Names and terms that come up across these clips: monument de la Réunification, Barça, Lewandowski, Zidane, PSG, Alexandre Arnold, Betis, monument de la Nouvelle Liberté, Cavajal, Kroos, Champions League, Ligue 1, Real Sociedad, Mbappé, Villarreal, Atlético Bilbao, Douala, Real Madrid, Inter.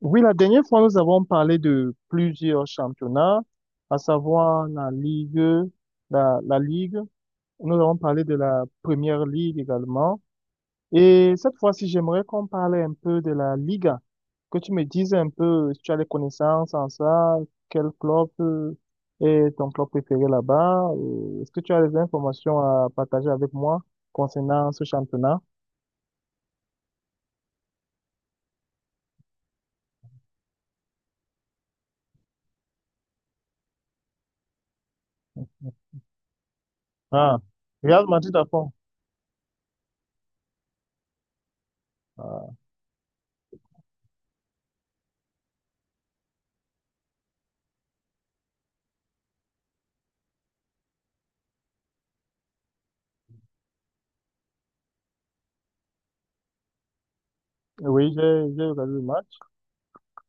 Oui, la dernière fois, nous avons parlé de plusieurs championnats, à savoir la Ligue, la Ligue. Nous avons parlé de la Première Ligue également. Et cette fois-ci, j'aimerais qu'on parle un peu de la Liga, que tu me dises un peu si tu as des connaissances en ça, quel club est ton club préféré là-bas. Est-ce que tu as des informations à partager avec moi concernant ce championnat? Ah, Real Madrid à fond. Ah, oui, j'ai regardé le match.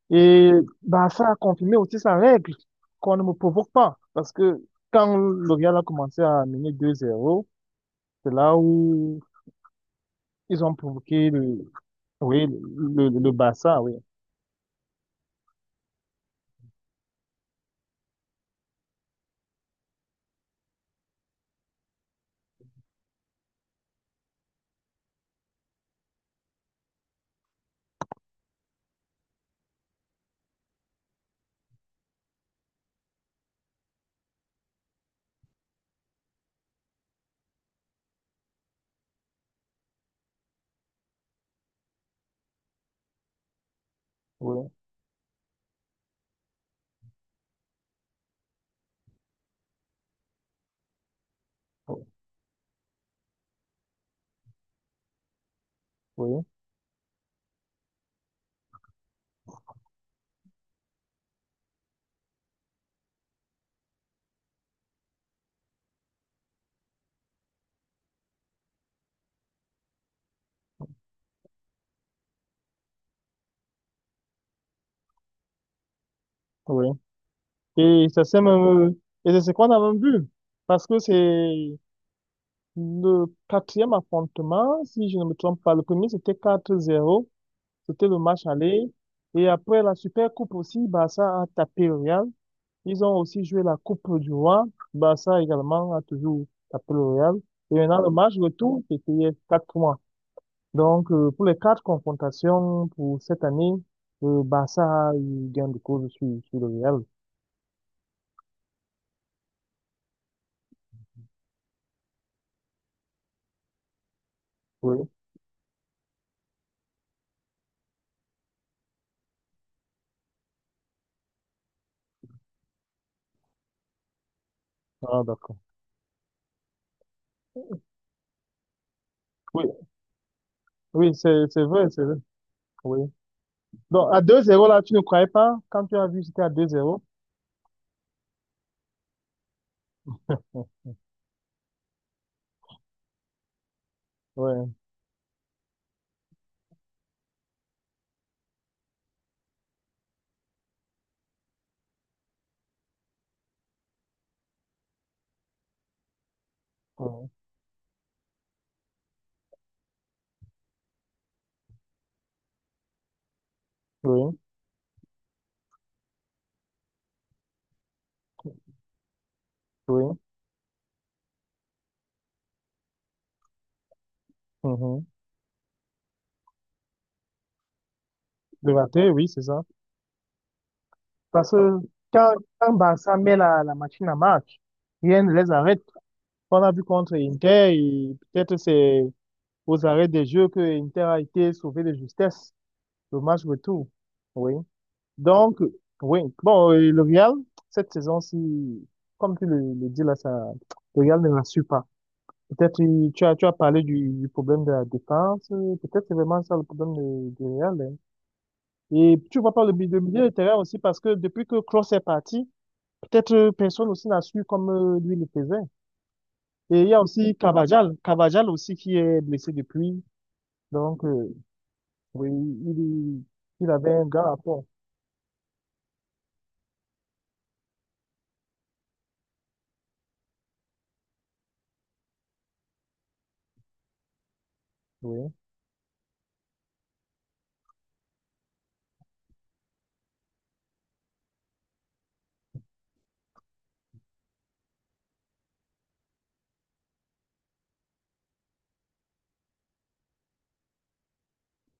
Et bah, ça a confirmé aussi sa règle, qu'on ne me provoque pas. Parce que quand le Real a commencé à mener 2-0, c'est là où ils ont provoqué le, oui, le Barça, oui, oui, oui, oui. Et ça c'est même, et c'est ce qu'on a même vu. Parce que c'est le quatrième affrontement, si je ne me trompe pas. Le premier, c'était 4-0. C'était le match aller. Et après la Super Coupe aussi, Barça a tapé le Real. Ils ont aussi joué la Coupe du Roi. Barça également a toujours tapé le Real. Et maintenant, le match retour, c'était quatre points. Donc, pour les quatre confrontations pour cette année, le Barça a eu gain de cause sur le Real. Oui. Ah, d'accord. Oui, oui, c'est vrai, c'est vrai. Oui. Donc, à 2-0 là, tu ne croyais pas? Quand tu as vu, c'était à 2-0. Oui, oui, oui, oui. Mhm. Le raté, oui, c'est ça. Parce que quand, quand Barça met la machine à marche, rien ne les arrête. Qu'on a vu contre Inter et peut-être c'est aux arrêts des jeux que Inter a été sauvé de justesse, le match retour. Oui. Donc, oui. Bon, et le Real, cette saison-ci, comme tu le dis là, ça, le Real ne rassure pas. Peut-être tu as parlé du problème de la défense, peut-être c'est vraiment ça le problème du Real. Hein. Et tu vois pas le milieu de terrain aussi parce que depuis que Kroos est parti, peut-être personne aussi n'a su comme lui le faisait. Et il y a aussi Cavajal, Cavajal aussi qui est blessé depuis. Donc, oui, il avait un gars à fond. Oui.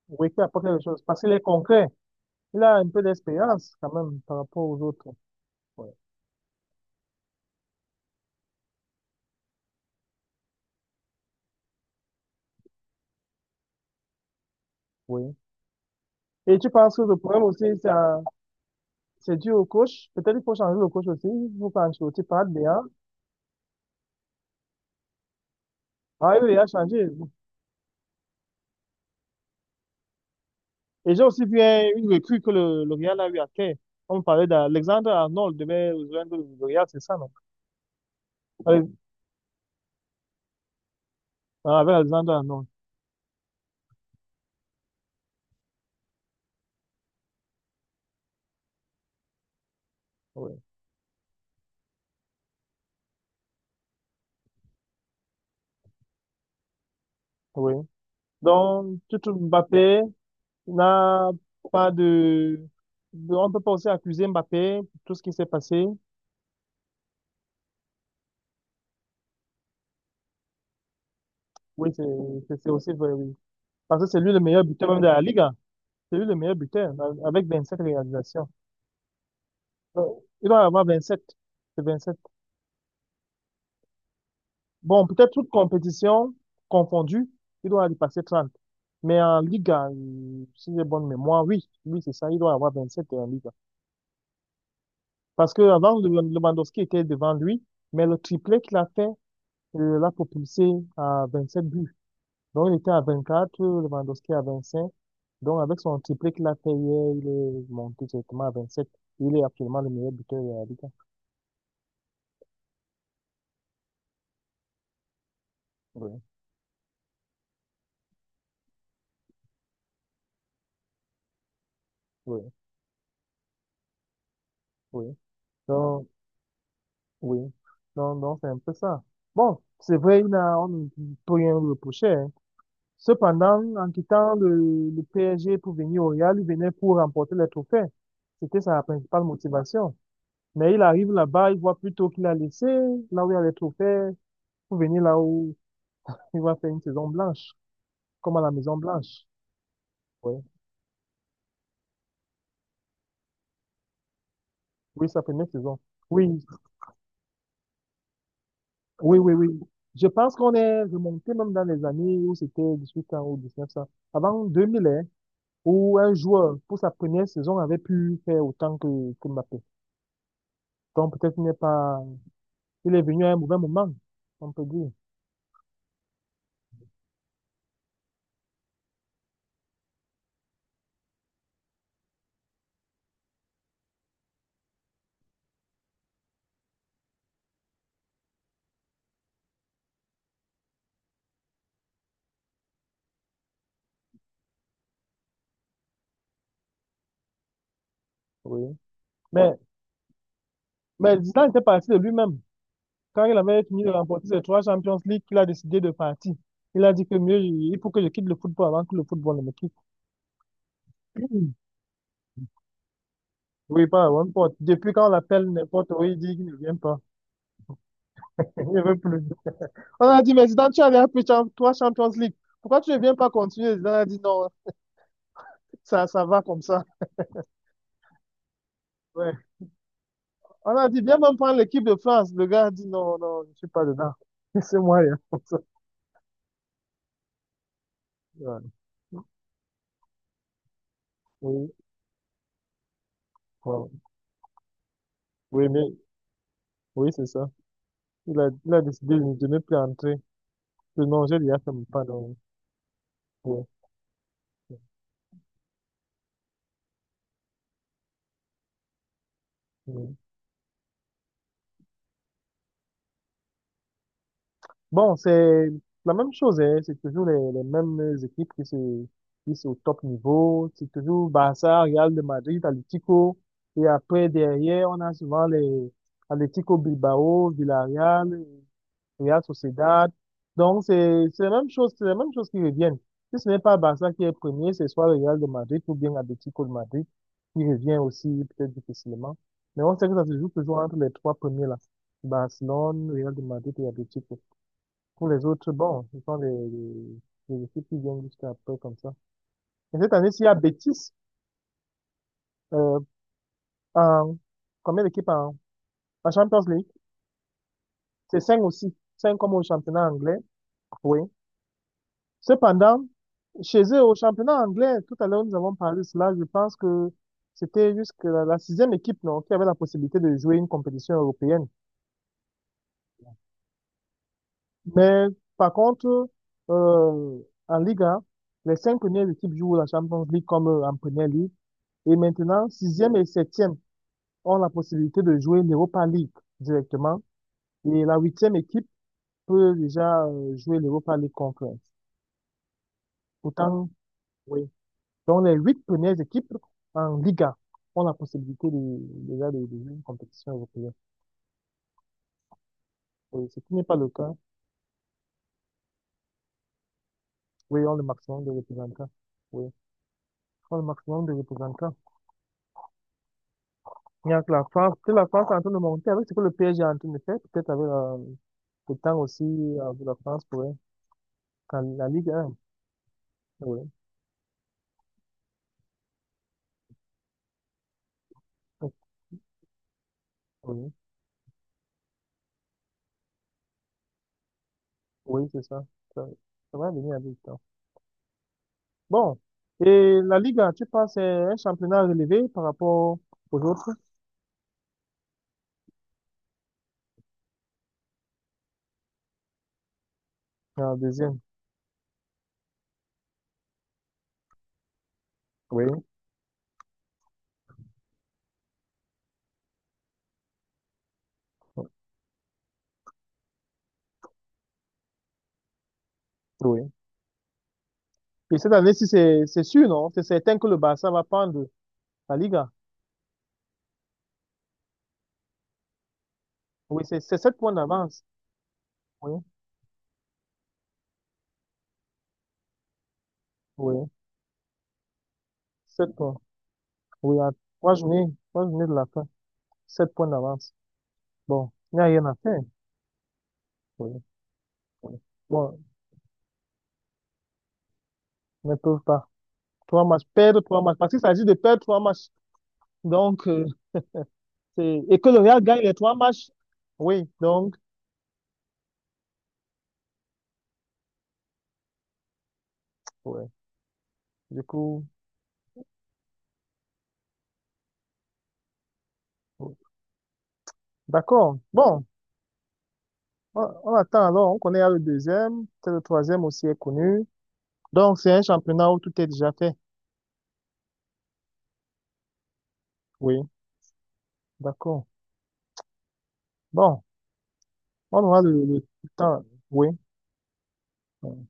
Oui, qui apporte quelque chose. Parce qu'il est concret. Il a un peu d'expérience quand même par rapport aux autres. Ouais. Oui. Et tu penses que le problème aussi, c'est dû au coach. Peut-être qu'il faut changer le coach aussi. Il faut quand tu parles bien. Ah oui, il a changé. Et j'ai aussi vu une recrue que le Real a eu à Caen. On parlait d'Alexandre Arnold devait rejoindre le Real, c'est ça, non? Avec avec Alexandre Arnold. Ouais. Oui. Donc, Tutu Mbappé n'a pas. On ne peut pas aussi accuser Mbappé pour tout ce qui s'est passé. Oui, c'est aussi vrai, oui. Parce que c'est lui le meilleur buteur même de la Liga. C'est lui le meilleur buteur avec 27 réalisations. Euh, Il doit avoir 27. C'est 27. Bon, peut-être toute compétition confondue, il doit y passer 30. Mais en Liga, si j'ai bonne mémoire, oui, oui, c'est ça, il doit avoir 27 en Liga. Parce que avant, Lewandowski était devant lui, mais le triplé qu'il a fait l'a propulsé à 27 buts. Donc, il était à 24, Lewandowski à 25. Donc, avec son triplé qu'il a fait hier, il est monté directement à 27. Il est actuellement le meilleur buteur de la Ligue. Oui, oui, oui. Donc, oui. Donc, c'est un peu ça. Bon, c'est vrai, il n'a- on ne peut rien lui reprocher. Hein. Cependant, en quittant le PSG pour venir au Real, il venait pour remporter les trophées. C'était sa principale motivation. Mais il arrive là-bas, il voit plutôt qu'il a laissé, là où il y a les trophées, pour venir là où il va faire une saison blanche, comme à la Maison Blanche. Ouais. Oui, sa première saison. Oui, oui, oui, oui. Je pense qu'on est remonté même dans les années où c'était 18 ans ou 19 ans. Avant 2000, hein, où un joueur, pour sa première saison, avait pu faire autant que Mbappé. Donc peut-être qu'il n'est pas, il est venu à un mauvais moment, on peut dire. Oui. Mais, mais Zidane était parti de lui-même. Quand il avait fini de remporter ses trois Champions League, il a décidé de partir. Il a dit que mieux, il faut que je quitte le football avant que le football ne me quitte. Oui, pas one pot. Depuis quand on l'appelle n'importe où, il dit qu'il ne vient pas. Il ne veut plus. On a dit, mais Zidane, tu avais pris trois Champions League. Pourquoi tu ne viens pas continuer? Zidane a dit, non, ça va comme ça. Ouais. On a dit, viens même prendre l'équipe de France. Le gars a dit, non, non, je ne suis pas dedans. Laissez-moi, il y a comme ça. Ouais. Oui, ouais. Oui, mais, oui, c'est ça. Il a décidé de ne plus entrer. Le non, je lui ai fait mon pas. Donc, ouais. Bon, c'est la même chose, hein. C'est toujours les mêmes équipes qui sont au top niveau. C'est toujours Barça, Real de Madrid, Atlético. Et après, derrière, on a souvent les Atlético Bilbao, Villarreal, Real Sociedad. Donc, c'est la même chose, c'est la même chose qui reviennent. Si ce n'est pas Barça qui est premier, c'est soit le Real de Madrid ou bien Atlético de Madrid qui revient aussi peut-être difficilement. Mais on sait que ça se joue toujours entre les trois premiers là. Barcelone, Real de Madrid et Atlético. Pour les autres, bon, ce sont les équipes qui viennent jusqu'à peu comme ça. Et cette année, s'il y a Betis, euh, en, combien d'équipes en Champions League? C'est cinq aussi. Cinq comme au championnat anglais. Oui. Cependant, chez eux, au championnat anglais, tout à l'heure, nous avons parlé de cela. Je pense que c'était jusqu'à la sixième équipe, non, qui avait la possibilité de jouer une compétition européenne. Mais par contre, euh, en Liga, les cinq premières équipes jouent la Champions League comme en Première Ligue. Et maintenant, sixième et septième ont la possibilité de jouer l'Europa League directement. Et la huitième équipe peut déjà jouer l'Europa League Conference. Pourtant, oui. Donc les huit premières équipes en Liga ont la possibilité de jouer une compétition européenne. Oui, ce qui n'est pas le cas. Oui, on le maximum de représentants. Oui, on le maximum de représentants. Il y a que la France est en train de monter avec ce que le PSG est en train de faire, peut-être avec le temps aussi, avec la France pourrait, quand la Ligue 1, oui, oui, oui, c'est ça. ça. Ça va venir avec le temps. Bon, et la Ligue 1, tu penses, c'est un championnat relevé par rapport aux autres, la deuxième, oui, oui. Et cette année-ci, c'est sûr, non? C'est certain que le Barça va prendre la Liga. Oui, c'est 7 points d'avance, oui, oui, 7 points, oui, à 3 journées, trois journées de la fin, 7 points d'avance. Bon, il n'y a rien à faire. Oui. Bon, ils ne peuvent pas. Trois matchs, perdre trois matchs. Parce qu'il s'agit de perdre trois matchs. Donc, et que le Real gagne les trois matchs. Oui, donc, ouais. Du coup, ouais. D'accord. Bon, on, attend alors. On connaît le deuxième. Peut-être le troisième aussi est connu. Donc, c'est un championnat où tout est déjà fait. Oui, d'accord. Bon, on aura le temps. Oui, ouais,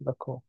d'accord.